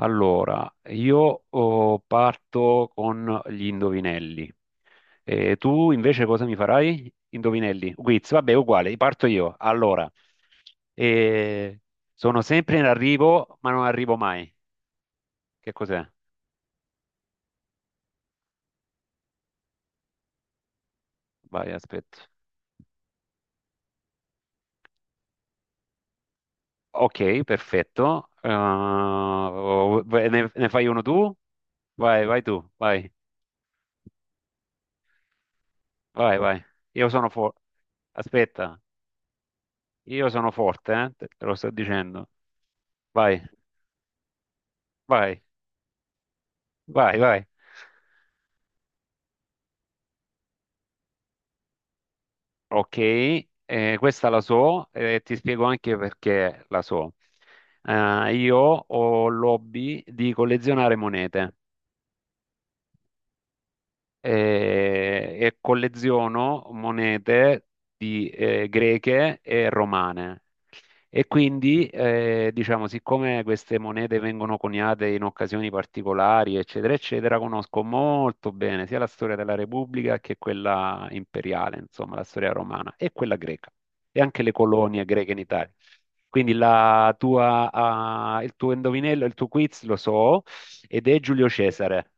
Allora, io parto con gli indovinelli. E tu invece cosa mi farai? Indovinelli, quiz, vabbè, uguale, parto io. Allora, eh, sono sempre in arrivo, ma non arrivo mai. Che cos'è? Vai, aspetta. Ok, perfetto. Ne fai uno tu? Vai, vai tu, vai, vai, vai. Io sono forte. Aspetta, io sono forte, eh? Te lo sto dicendo. Vai, vai. Vai, vai. Ok, questa la so e ti spiego anche perché la so. Io ho l'hobby di collezionare monete e colleziono monete greche e romane. E quindi, diciamo, siccome queste monete vengono coniate in occasioni particolari, eccetera, eccetera, conosco molto bene sia la storia della Repubblica che quella imperiale, insomma, la storia romana e quella greca e anche le colonie greche in Italia. Quindi il tuo indovinello, il tuo quiz lo so ed è Giulio Cesare,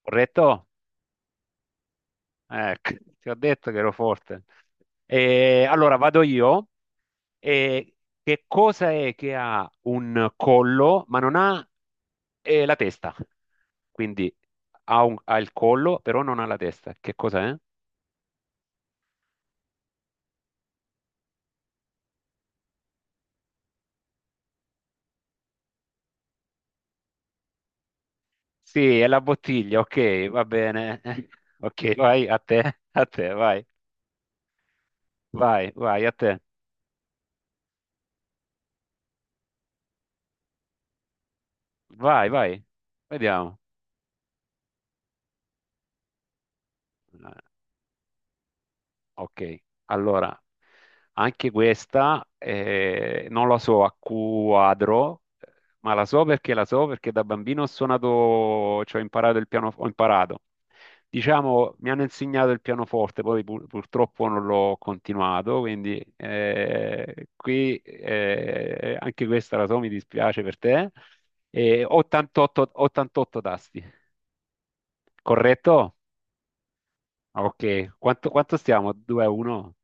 corretto? Ecco, ti ho detto che ero forte. E allora vado io. E che cosa è che ha un collo, ma non ha la testa? Quindi ha il collo, però non ha la testa. Che cosa è? Sì, è la bottiglia, ok, va bene. Ok, vai a te, vai, vai, vai, a te. Vai, vai. Vediamo. Ok, allora anche questa non la so a quadro, ma la so perché da bambino ho suonato, cioè ho imparato il piano, ho imparato. Diciamo, mi hanno insegnato il pianoforte, poi purtroppo non l'ho continuato, quindi qui anche questa la so, mi dispiace per te. E 88 tasti, corretto? Ok, quanto stiamo? 2 a 1?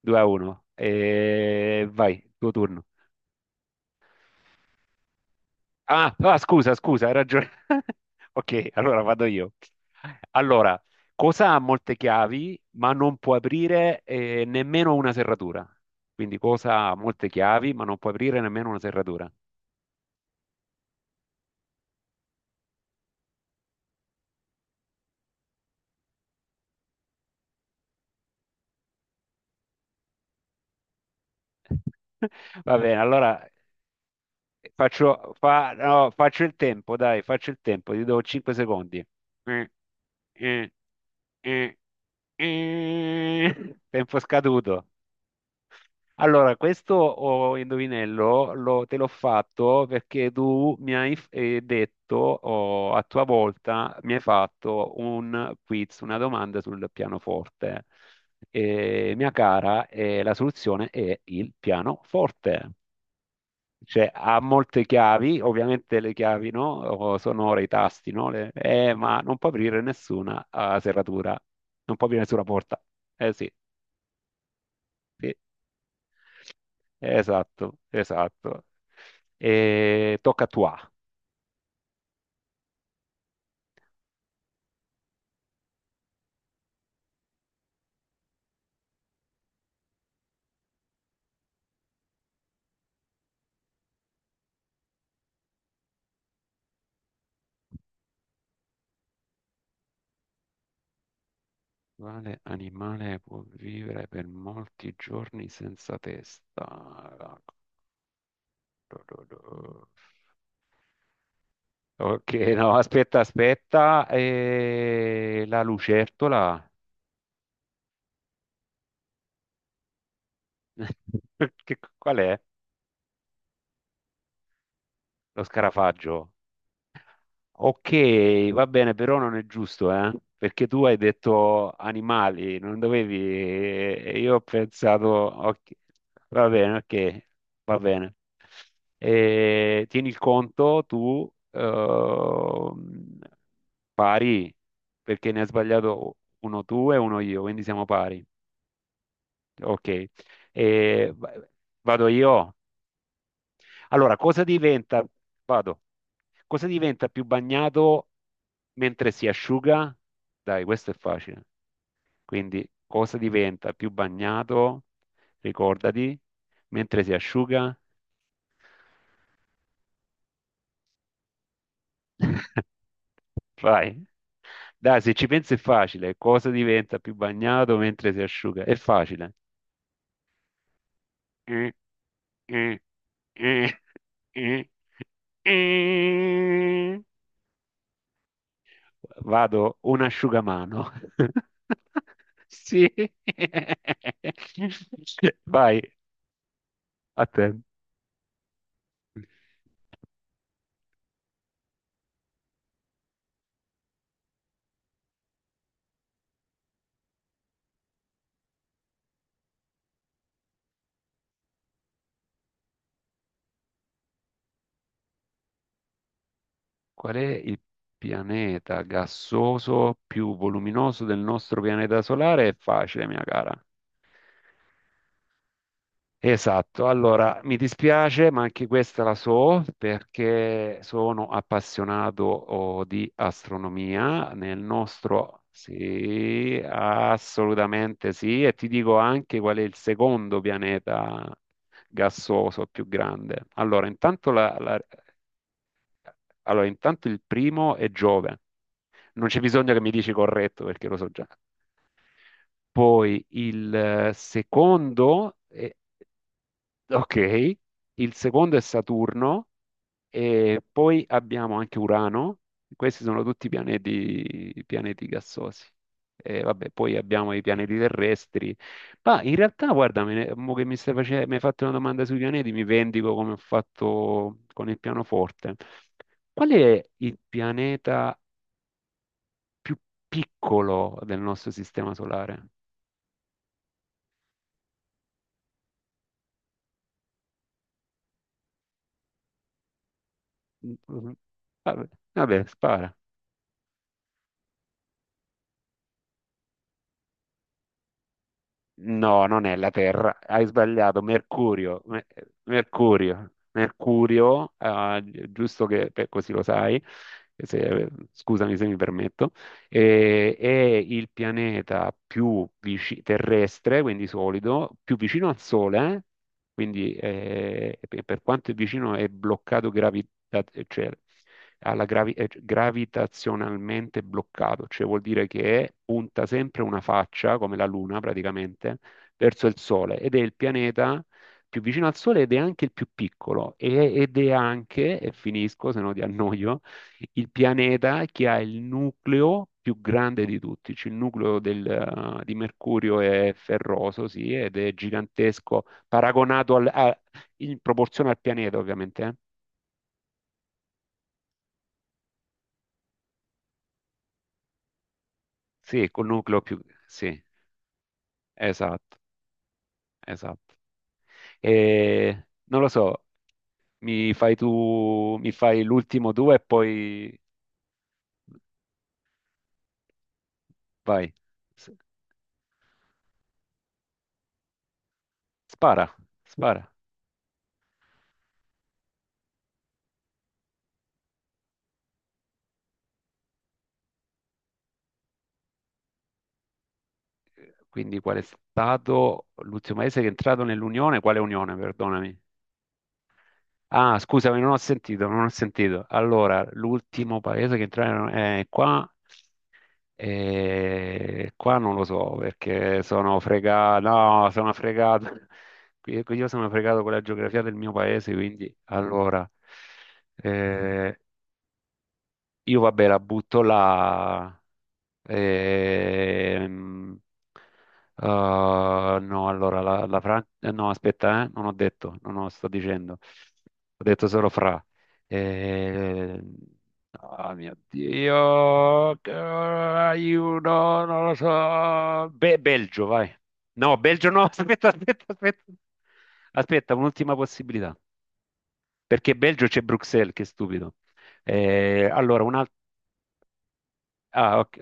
2 a 1. E vai, tuo turno. Ah, ah, scusa, scusa, hai ragione. Ok, allora vado io. Allora, cosa ha molte chiavi, ma non può aprire nemmeno una serratura? Quindi cosa ha molte chiavi, ma non può aprire nemmeno una serratura? Va bene, allora no, faccio il tempo, dai, faccio il tempo, ti do 5 secondi. Eh, eh, eh, Tempo scaduto. Allora, questo indovinello te l'ho fatto perché tu mi hai detto, a tua volta, mi hai fatto un quiz, una domanda sul pianoforte. E, mia cara, la soluzione è il pianoforte. Cioè, ha molte chiavi, ovviamente le chiavi, no? Oh, sono ora i tasti, no? Ma non può aprire nessuna serratura, non può aprire nessuna porta. Eh sì, sì. Esatto, esatto. E tocca a tua. Quale animale può vivere per molti giorni senza testa? Ok, no, aspetta, aspetta. La lucertola? Qual è? Lo scarafaggio? Ok, va bene, però non è giusto, eh? Perché tu hai detto animali, non dovevi, e io ho pensato, ok, va bene, ok, va bene. E tieni il conto, tu pari, perché ne hai sbagliato uno tu e uno io, quindi siamo pari. Ok, E va- vado io. Allora, vado, cosa diventa più bagnato mentre si asciuga? Dai, questo è facile. Quindi, cosa diventa più bagnato, ricordati, mentre si asciuga? Vai. Dai, se ci pensi è facile. Cosa diventa più bagnato mentre si asciuga? È facile. Eh, eh, eh, eh, eh. eh. Vado un asciugamano. Sì. Vai, a te. Qual è il pianeta gassoso più voluminoso del nostro pianeta solare? È facile, mia cara. Esatto, allora mi dispiace, ma anche questa la so perché sono appassionato di astronomia nel nostro, sì, assolutamente sì, e ti dico anche qual è il secondo pianeta gassoso più grande. Allora, intanto, allora, intanto il primo è Giove, non c'è bisogno che mi dici corretto perché lo so già. Poi il secondo ok, il secondo è Saturno e poi abbiamo anche Urano, questi sono tutti pianeti gassosi. E vabbè, poi abbiamo i pianeti terrestri, ma in realtà guarda, mo che mi hai fatto una domanda sui pianeti, mi vendico come ho fatto con il pianoforte. Qual è il pianeta più piccolo del nostro sistema solare? Mm, mm, mm. Vabbè, vabbè, spara. No, non è la Terra, hai sbagliato, Mercurio, ah, giusto che così lo sai, scusami se mi permetto, è il pianeta più terrestre, quindi solido, più vicino al Sole, eh? Quindi e per quanto è vicino è bloccato cioè, cioè, gravitazionalmente bloccato, cioè vuol dire che punta sempre una faccia, come la Luna praticamente, verso il Sole ed è il pianeta più vicino al Sole ed è anche il più piccolo ed è anche, e finisco se no ti annoio, il pianeta che ha il nucleo più grande di tutti, cioè il nucleo di Mercurio è ferroso, sì, ed è gigantesco, paragonato in proporzione al pianeta, ovviamente. Sì, col nucleo più. Sì, esatto, esatto. E, non lo so, mi fai tu, mi fai l'ultimo due e poi vai. S- Spara, spara. Quindi qual è stato l'ultimo paese che è entrato nell'Unione? Quale Unione, perdonami? Ah, scusami, non ho sentito, non ho sentito. Allora, l'ultimo paese che entrare è qua. E qua non lo so perché sono fregato. No, sono fregato. Qui io sono fregato con la geografia del mio paese, quindi allora eh, io vabbè la butto là. Ehm, ah, no, allora la Francia. No, aspetta, non ho detto, non ho, sto dicendo. Ho detto solo fra. Ehm, ah, mio Dio, aiuto, non lo so. Belgio, vai. No, Belgio no, aspetta, aspetta, aspetta. Aspetta, un'ultima possibilità. Perché Belgio c'è Bruxelles, che stupido. Allora, un altro. Ah, ok.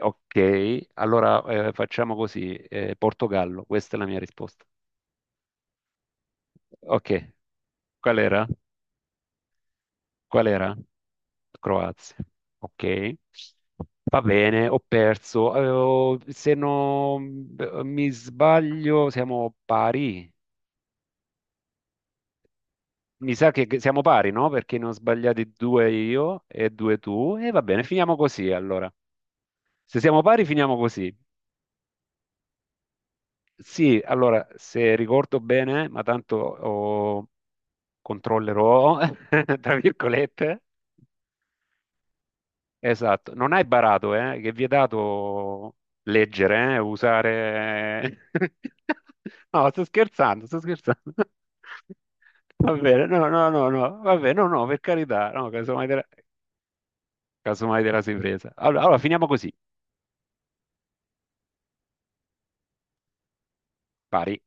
Ok, allora facciamo così, Portogallo, questa è la mia risposta. Ok, qual era? Qual era? Croazia. Ok, va bene, ho perso. Avevo- se non mi sbaglio, siamo pari. Mi sa che siamo pari, no? Perché ne ho sbagliati due io e due tu. E va bene, finiamo così allora. Se siamo pari, finiamo così. Sì, allora, se ricordo bene, ma tanto controllerò, tra virgolette. Esatto, non hai barato, che è vietato leggere, usare. No, sto scherzando, sto scherzando. Va bene, no, no, no, no, va bene, no, no, per carità, no, casomai te la sei presa. Allora, allora, finiamo così, pari.